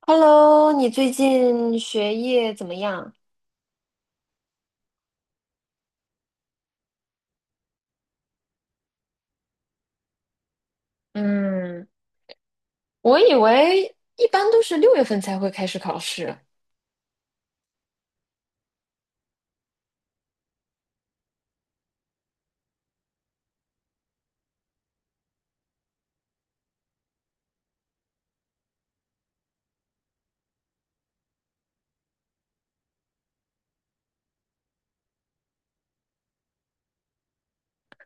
Hello，你最近学业怎么样？嗯，我以为一般都是6月份才会开始考试，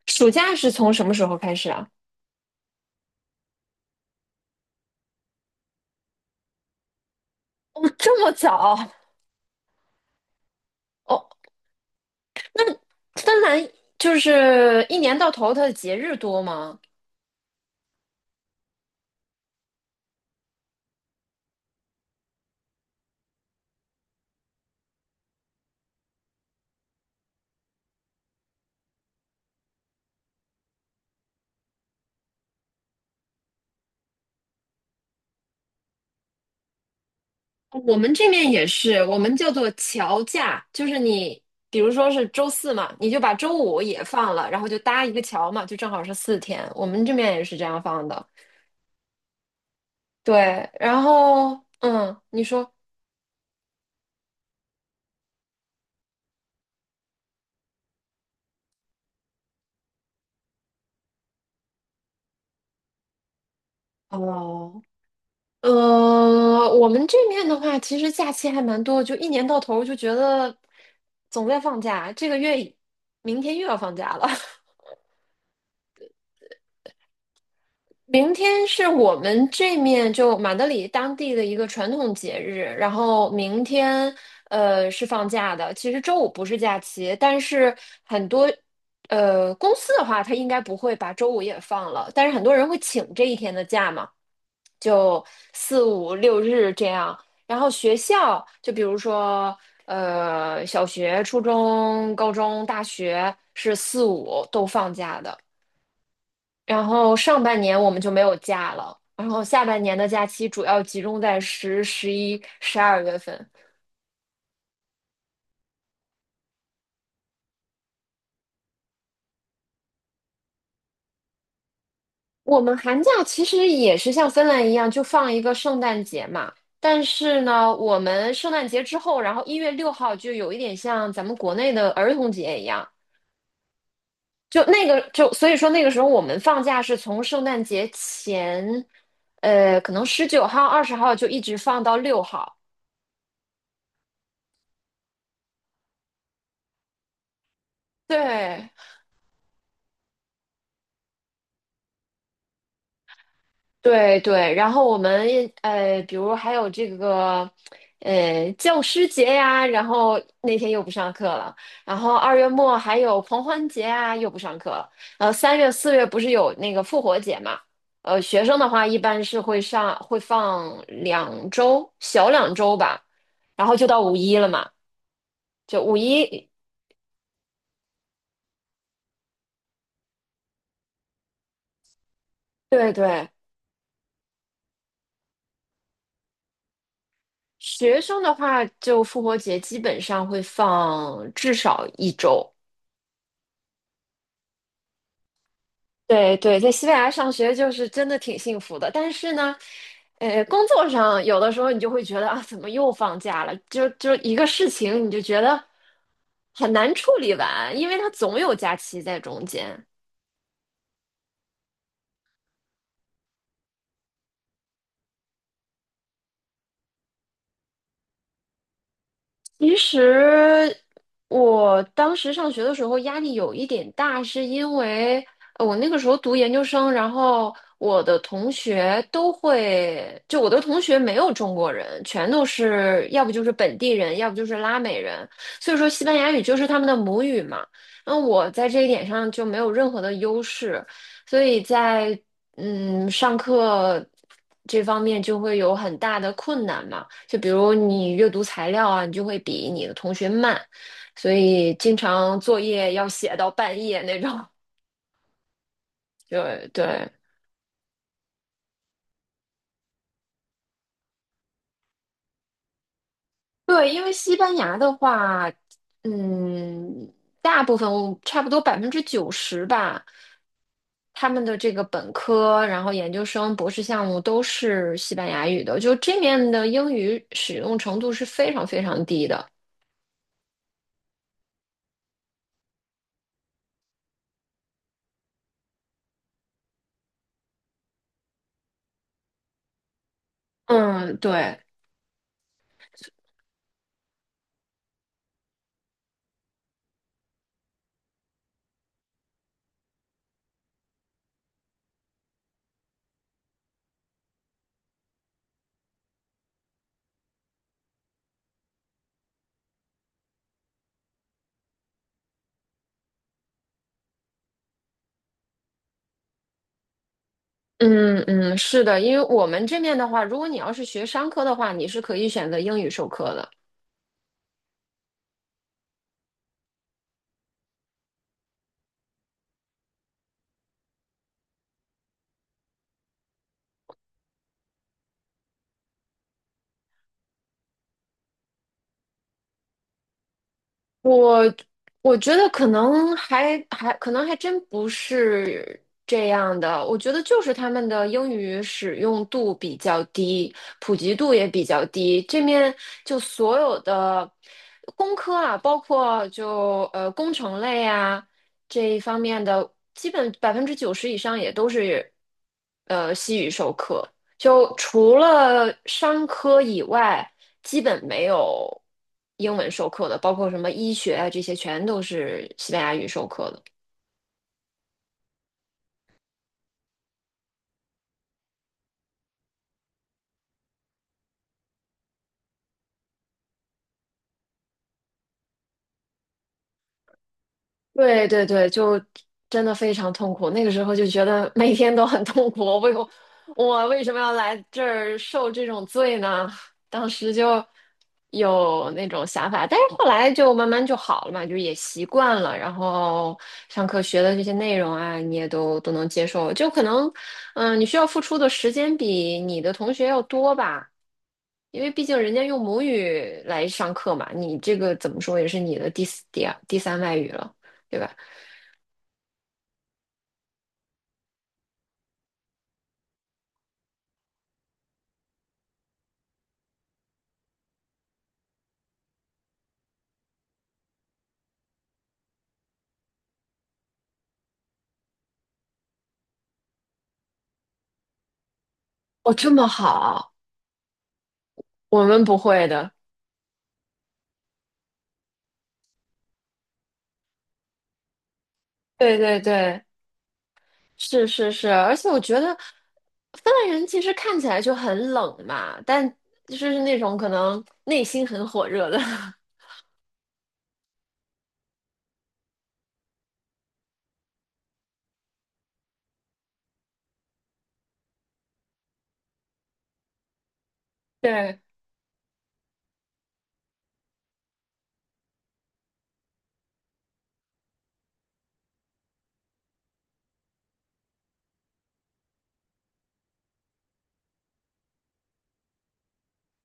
暑假是从什么时候开始啊？哦，这么早？哦，芬兰就是一年到头它的节日多吗？我们这边也是，我们叫做乔假，就是你比如说是周四嘛，你就把周五也放了，然后就搭一个桥嘛，就正好是4天。我们这边也是这样放的。对，然后嗯，你说。哦，我们这面的话，其实假期还蛮多的就一年到头就觉得总在放假，这个月明天又要放假了。明天是我们这面就马德里当地的一个传统节日，然后明天是放假的。其实周五不是假期，但是很多公司的话，它应该不会把周五也放了，但是很多人会请这一天的假嘛。就四五六日这样。然后学校，就比如说，小学、初中、高中、大学是四五都放假的。然后上半年我们就没有假了，然后下半年的假期主要集中在10、11、12月份。我们寒假其实也是像芬兰一样，就放一个圣诞节嘛。但是呢，我们圣诞节之后，然后1月6号就有一点像咱们国内的儿童节一样，就那个就所以说那个时候我们放假是从圣诞节前，可能19号、20号就一直放到六号。对，对对，然后我们比如还有这个教师节呀，然后那天又不上课了，然后2月末还有狂欢节啊，又不上课了，3月4月不是有那个复活节嘛，学生的话一般是会放两周，小两周吧，然后就到五一了嘛，就五一，对对，学生的话就复活节基本上会放至少1周。对对，在西班牙上学就是真的挺幸福的，但是呢，工作上有的时候你就会觉得啊，怎么又放假了？就一个事情，你就觉得很难处理完，因为它总有假期在中间。其实我当时上学的时候压力有一点大，是因为我那个时候读研究生，然后我的同学都会，就我的同学没有中国人，全都是要不就是本地人，要不就是拉美人，所以说西班牙语就是他们的母语嘛。那我在这一点上就没有任何的优势，所以在上课这方面就会有很大的困难嘛。就比如你阅读材料啊，你就会比你的同学慢，所以经常作业要写到半夜那种。对对对，因为西班牙的话，嗯，大部分差不多百分之九十吧，他们的这个本科，然后研究生、博士项目都是西班牙语的，就这面的英语使用程度是非常非常低的。嗯，对。嗯嗯，是的，因为我们这面的话，如果你要是学商科的话，你是可以选择英语授课的。我觉得可能还可能还真不是这样的，我觉得就是他们的英语使用度比较低，普及度也比较低。这面就所有的工科啊，包括就工程类啊这一方面的，基本90%以上也都是西语授课。就除了商科以外，基本没有英文授课的，包括什么医学啊这些，全都是西班牙语授课的。对对对，就真的非常痛苦。那个时候就觉得每天都很痛苦，我为什么要来这儿受这种罪呢？当时就有那种想法，但是后来就慢慢就好了嘛，就也习惯了。然后上课学的这些内容啊，你也都能接受。就可能，你需要付出的时间比你的同学要多吧。因为毕竟人家用母语来上课嘛，你这个怎么说也是你的第四、第二、第三外语了，对吧？哦，这么好，我们不会的。对对对，是是是，而且我觉得芬兰人其实看起来就很冷嘛，但就是那种可能内心很火热的。对，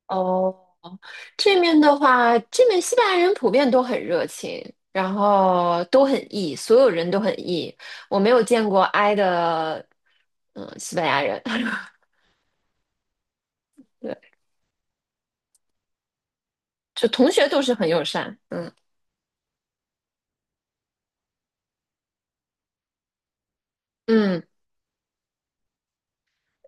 哦。这面的话，这面西班牙人普遍都很热情，然后都很 E，所有人都很 E。我没有见过 I 的，嗯，西班牙人。对，就同学都是很友善。嗯嗯，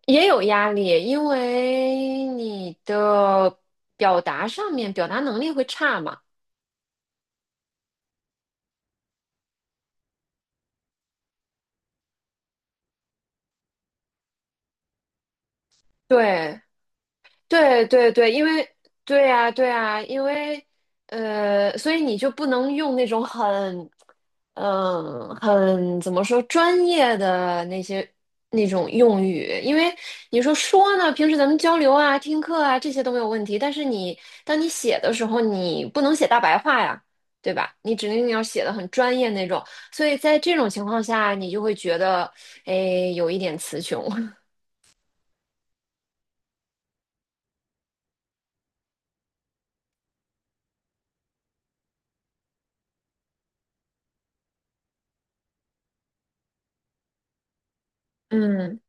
也有压力，因为你的表达能力会差嘛。对对对对，因为对呀对呀，因为所以你就不能用那种很怎么说专业的那些那种用语，因为你说说呢，平时咱们交流啊、听课啊这些都没有问题，但是当你写的时候，你不能写大白话呀，对吧？你指定要写的很专业那种，所以在这种情况下，你就会觉得，哎，有一点词穷。嗯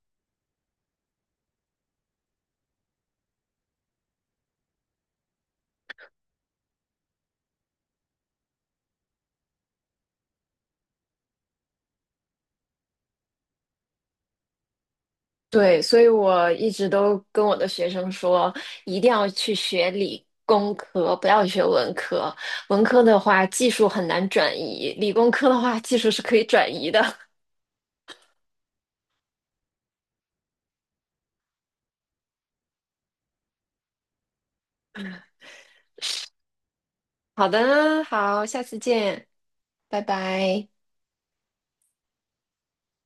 对，所以我一直都跟我的学生说，一定要去学理工科，不要学文科。文科的话，技术很难转移；理工科的话，技术是可以转移的。好的，好，下次见，拜拜。